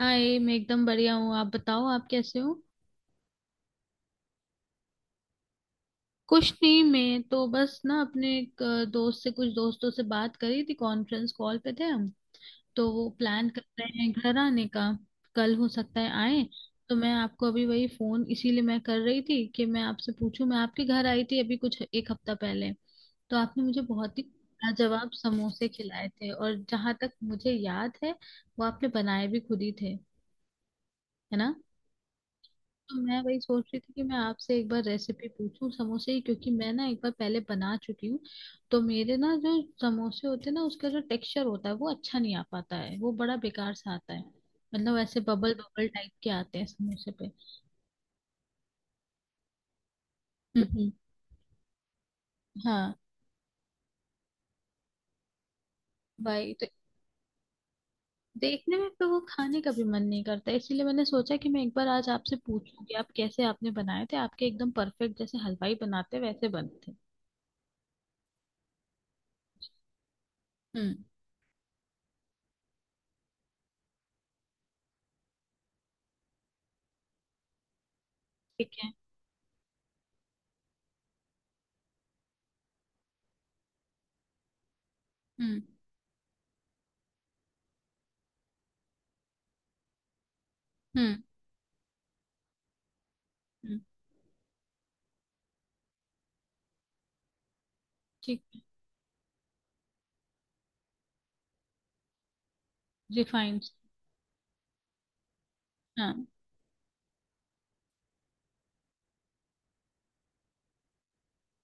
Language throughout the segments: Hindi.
हाय। मैं एकदम बढ़िया हूँ। आप बताओ, आप कैसे हो। कुछ नहीं। मैं तो बस ना अपने एक अ, दोस्त से कुछ दोस्तों से बात करी थी। कॉन्फ्रेंस कॉल पे थे हम। तो वो प्लान कर रहे हैं घर आने का। कल हो सकता है आए। तो मैं आपको अभी वही फोन इसीलिए मैं कर रही थी कि मैं आपसे पूछूं। मैं आपके घर आई थी अभी कुछ एक हफ्ता पहले। तो आपने मुझे बहुत ही लाजवाब समोसे खिलाए थे, और जहां तक मुझे याद है वो आपने बनाए भी खुद ही थे, है ना। तो मैं वही सोच रही थी कि मैं आपसे एक बार रेसिपी पूछूं समोसे की, क्योंकि मैं ना एक बार पहले बना चुकी हूँ। तो मेरे ना जो समोसे होते हैं ना, उसका जो टेक्सचर होता है वो अच्छा नहीं आ पाता है। वो बड़ा बेकार सा आता है। मतलब ऐसे बबल बबल टाइप के आते हैं समोसे पे। तो हम्म। हाँ। भाई, तो। देखने में तो वो खाने का भी मन नहीं करता। इसीलिए मैंने सोचा कि मैं एक बार आज आपसे पूछूं कि आप कैसे आपने बनाए थे। आपके एकदम परफेक्ट, जैसे हलवाई बनाते वैसे बनते। हम्म। ठीक है। हम्म। हम्म। हम्म। ठीक है। रिफाइंड। हाँ।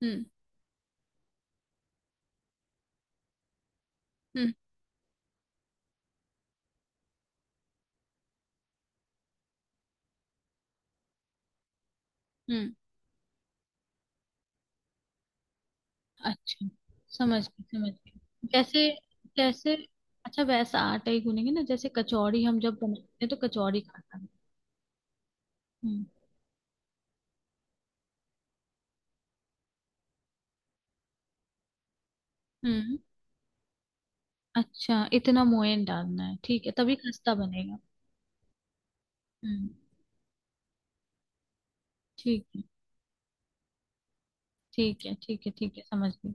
हम्म। हम्म। हम्म। अच्छा। समझ गई, समझ गई, जैसे, जैसे। अच्छा, वैसा आटा ही गूनेंगे ना, जैसे कचौड़ी हम जब बनाते हैं तो कचौड़ी खाता है। हम्म। हम्म। अच्छा, इतना मोयन डालना है, ठीक है, तभी खस्ता बनेगा। हम्म। ठीक है, ठीक है, ठीक है, ठीक है, समझ गई।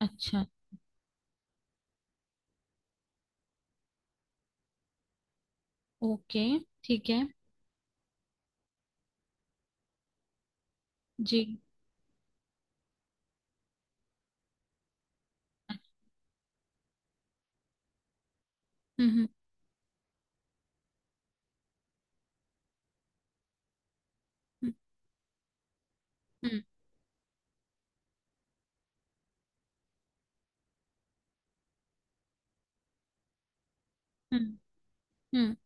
अच्छा। ओके। ठीक है। जी। हम्म। हम्म। हम्म। हम्म। हम्म।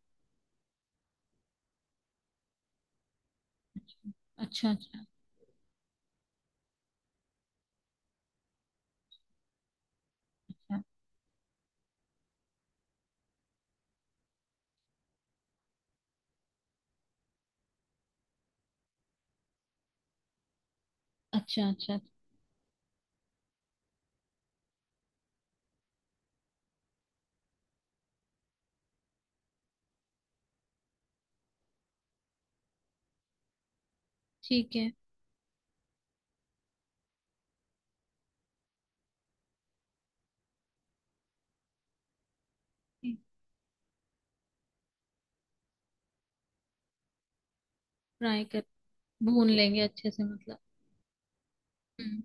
अच्छा, अच्छा। अच्छा, अच्छा। अच्छा, अच्छा। ठीक है। फ्राई कर, भून लेंगे अच्छे से, मतलब। हम्म।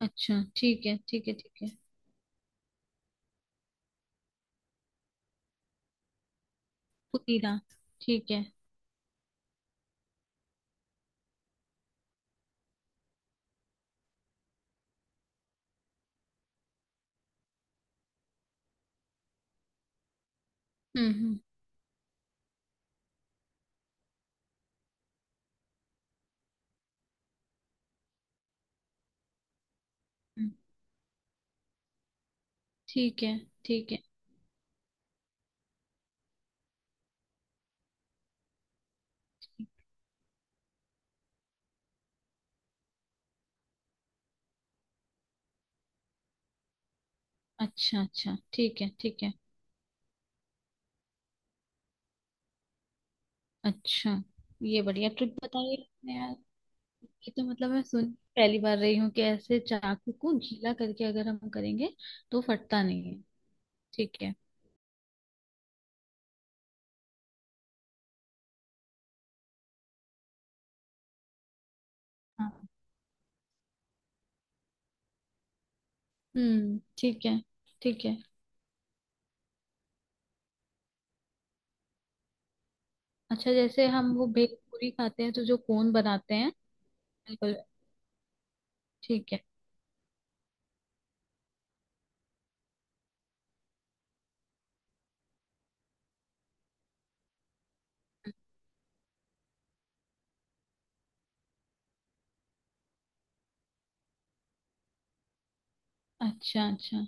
अच्छा, ठीक है, ठीक है, ठीक है। पुदीना। ठीक है। हम्म। हम्म। हम्म। ठीक है, ठीक है। अच्छा, अच्छा, ठीक है, ठीक है। अच्छा। ये बढ़िया ट्रिक बताइए आपने, यार। ये तो मतलब मैं सुन पहली बार रही हूँ कि ऐसे चाकू को गीला करके अगर हम करेंगे तो फटता नहीं है। ठीक है। हाँ। हम्म। ठीक है, ठीक है। अच्छा, जैसे हम वो भेलपूरी खाते हैं तो जो कोन बनाते हैं। बिल्कुल। ठीक है। अच्छा, अच्छा।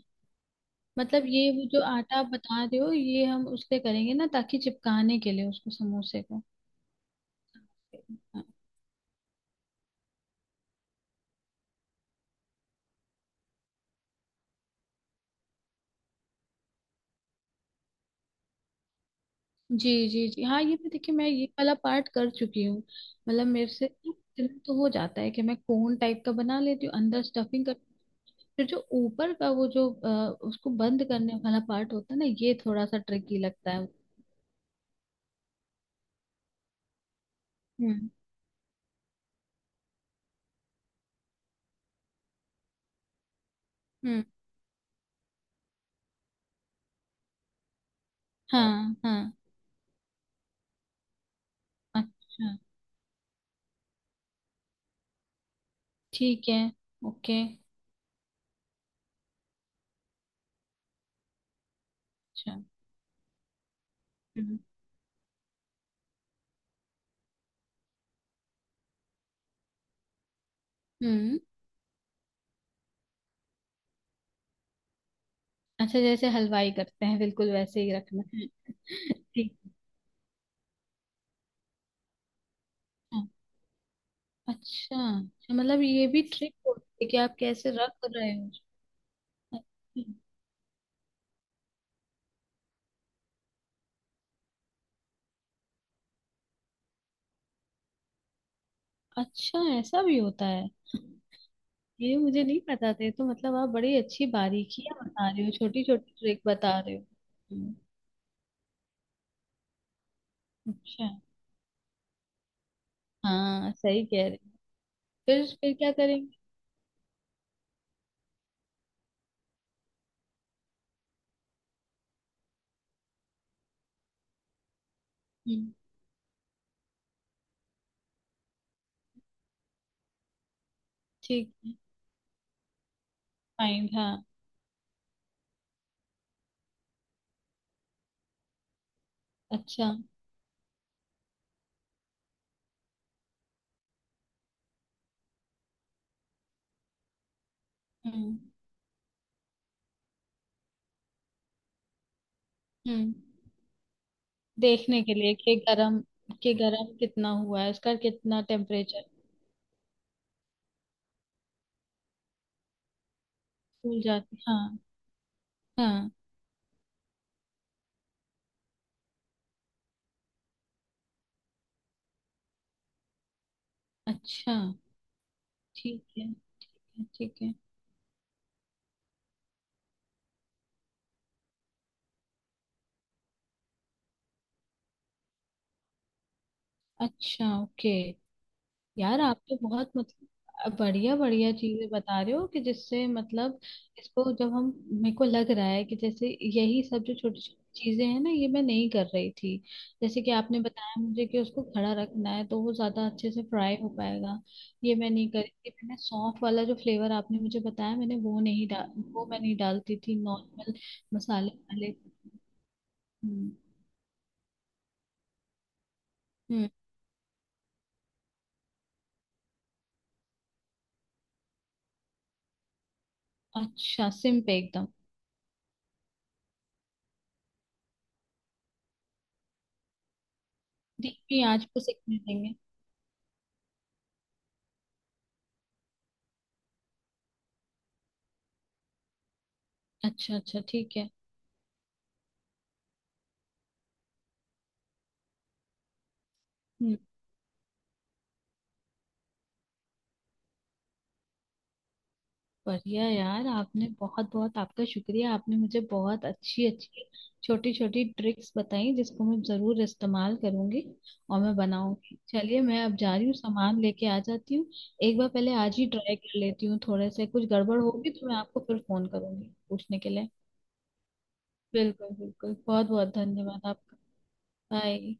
मतलब ये वो जो आटा आप बता रहे हो, ये हम उससे करेंगे ना, ताकि चिपकाने के लिए उसको, समोसे को। हाँ। जी, जी, जी। हाँ, ये मैं, देखिए, मैं ये वाला पार्ट कर चुकी हूँ। मतलब मेरे से इतना तो हो जाता है कि मैं कोन टाइप का बना लेती हूँ, अंदर स्टफिंग कर। फिर जो ऊपर का वो जो उसको बंद करने वाला पार्ट होता है ना, ये थोड़ा सा ट्रिकी लगता है। हम्म। हम्म। हाँ, हाँ। अच्छा, ठीक है। ओके। अच्छा। हम्म। हम्म। अच्छा, जैसे हलवाई करते हैं बिल्कुल वैसे ही रखना है। ठीक है। अच्छा, अच्छा। मतलब ये भी ट्रिक होती है कि आप कैसे रख रहे हो। अच्छा, अच्छा, ऐसा भी होता है। ये मुझे नहीं पता था। ये तो मतलब आप बड़ी अच्छी बारीकियां बता रहे हो, छोटी छोटी ट्रिक बता रहे हो। हम्म। अच्छा। हाँ, सही कह रहे हो। फिर क्या करेंगे। हम्म। ठीक है। फाइंड। हाँ। अच्छा। हम्म। हम्म। देखने के लिए कि गरम कितना हुआ है, उसका कितना टेम्परेचर। फूल जाती। हाँ। हाँ। अच्छा, ठीक है, ठीक है। अच्छा। ओके। यार, आप तो बहुत मतलब बढ़िया बढ़िया चीजें बता रहे हो, कि जिससे मतलब। इसको जब हम मेरे को लग रहा है कि जैसे, यही सब जो छोटी छोटी चीजें हैं ना, ये मैं नहीं कर रही थी। जैसे कि आपने बताया मुझे कि उसको खड़ा रखना है तो वो ज्यादा अच्छे से फ्राई हो पाएगा। ये मैं नहीं कर रही थी। मैंने सौंफ वाला जो फ्लेवर आपने मुझे बताया, मैंने वो नहीं डाल वो मैं नहीं डालती थी, नॉर्मल मसाले वाले। हम्म। हम्म। अच्छा, सिम पे एकदम, धीमी आंच पे सिकने देंगे। अच्छा, अच्छा, ठीक है। हम्म। बढ़िया। यार, आपने बहुत बहुत, आपका शुक्रिया। आपने मुझे बहुत अच्छी अच्छी छोटी छोटी ट्रिक्स बताई, जिसको मैं जरूर इस्तेमाल करूंगी और मैं बनाऊंगी। चलिए, मैं अब जा रही हूँ, सामान लेके आ जाती हूँ। एक बार पहले आज ही ट्राई कर लेती हूँ, थोड़े से कुछ गड़बड़ होगी तो मैं आपको फिर फोन करूंगी पूछने के लिए। बिल्कुल, बिल्कुल। बहुत बहुत धन्यवाद आपका। बाय।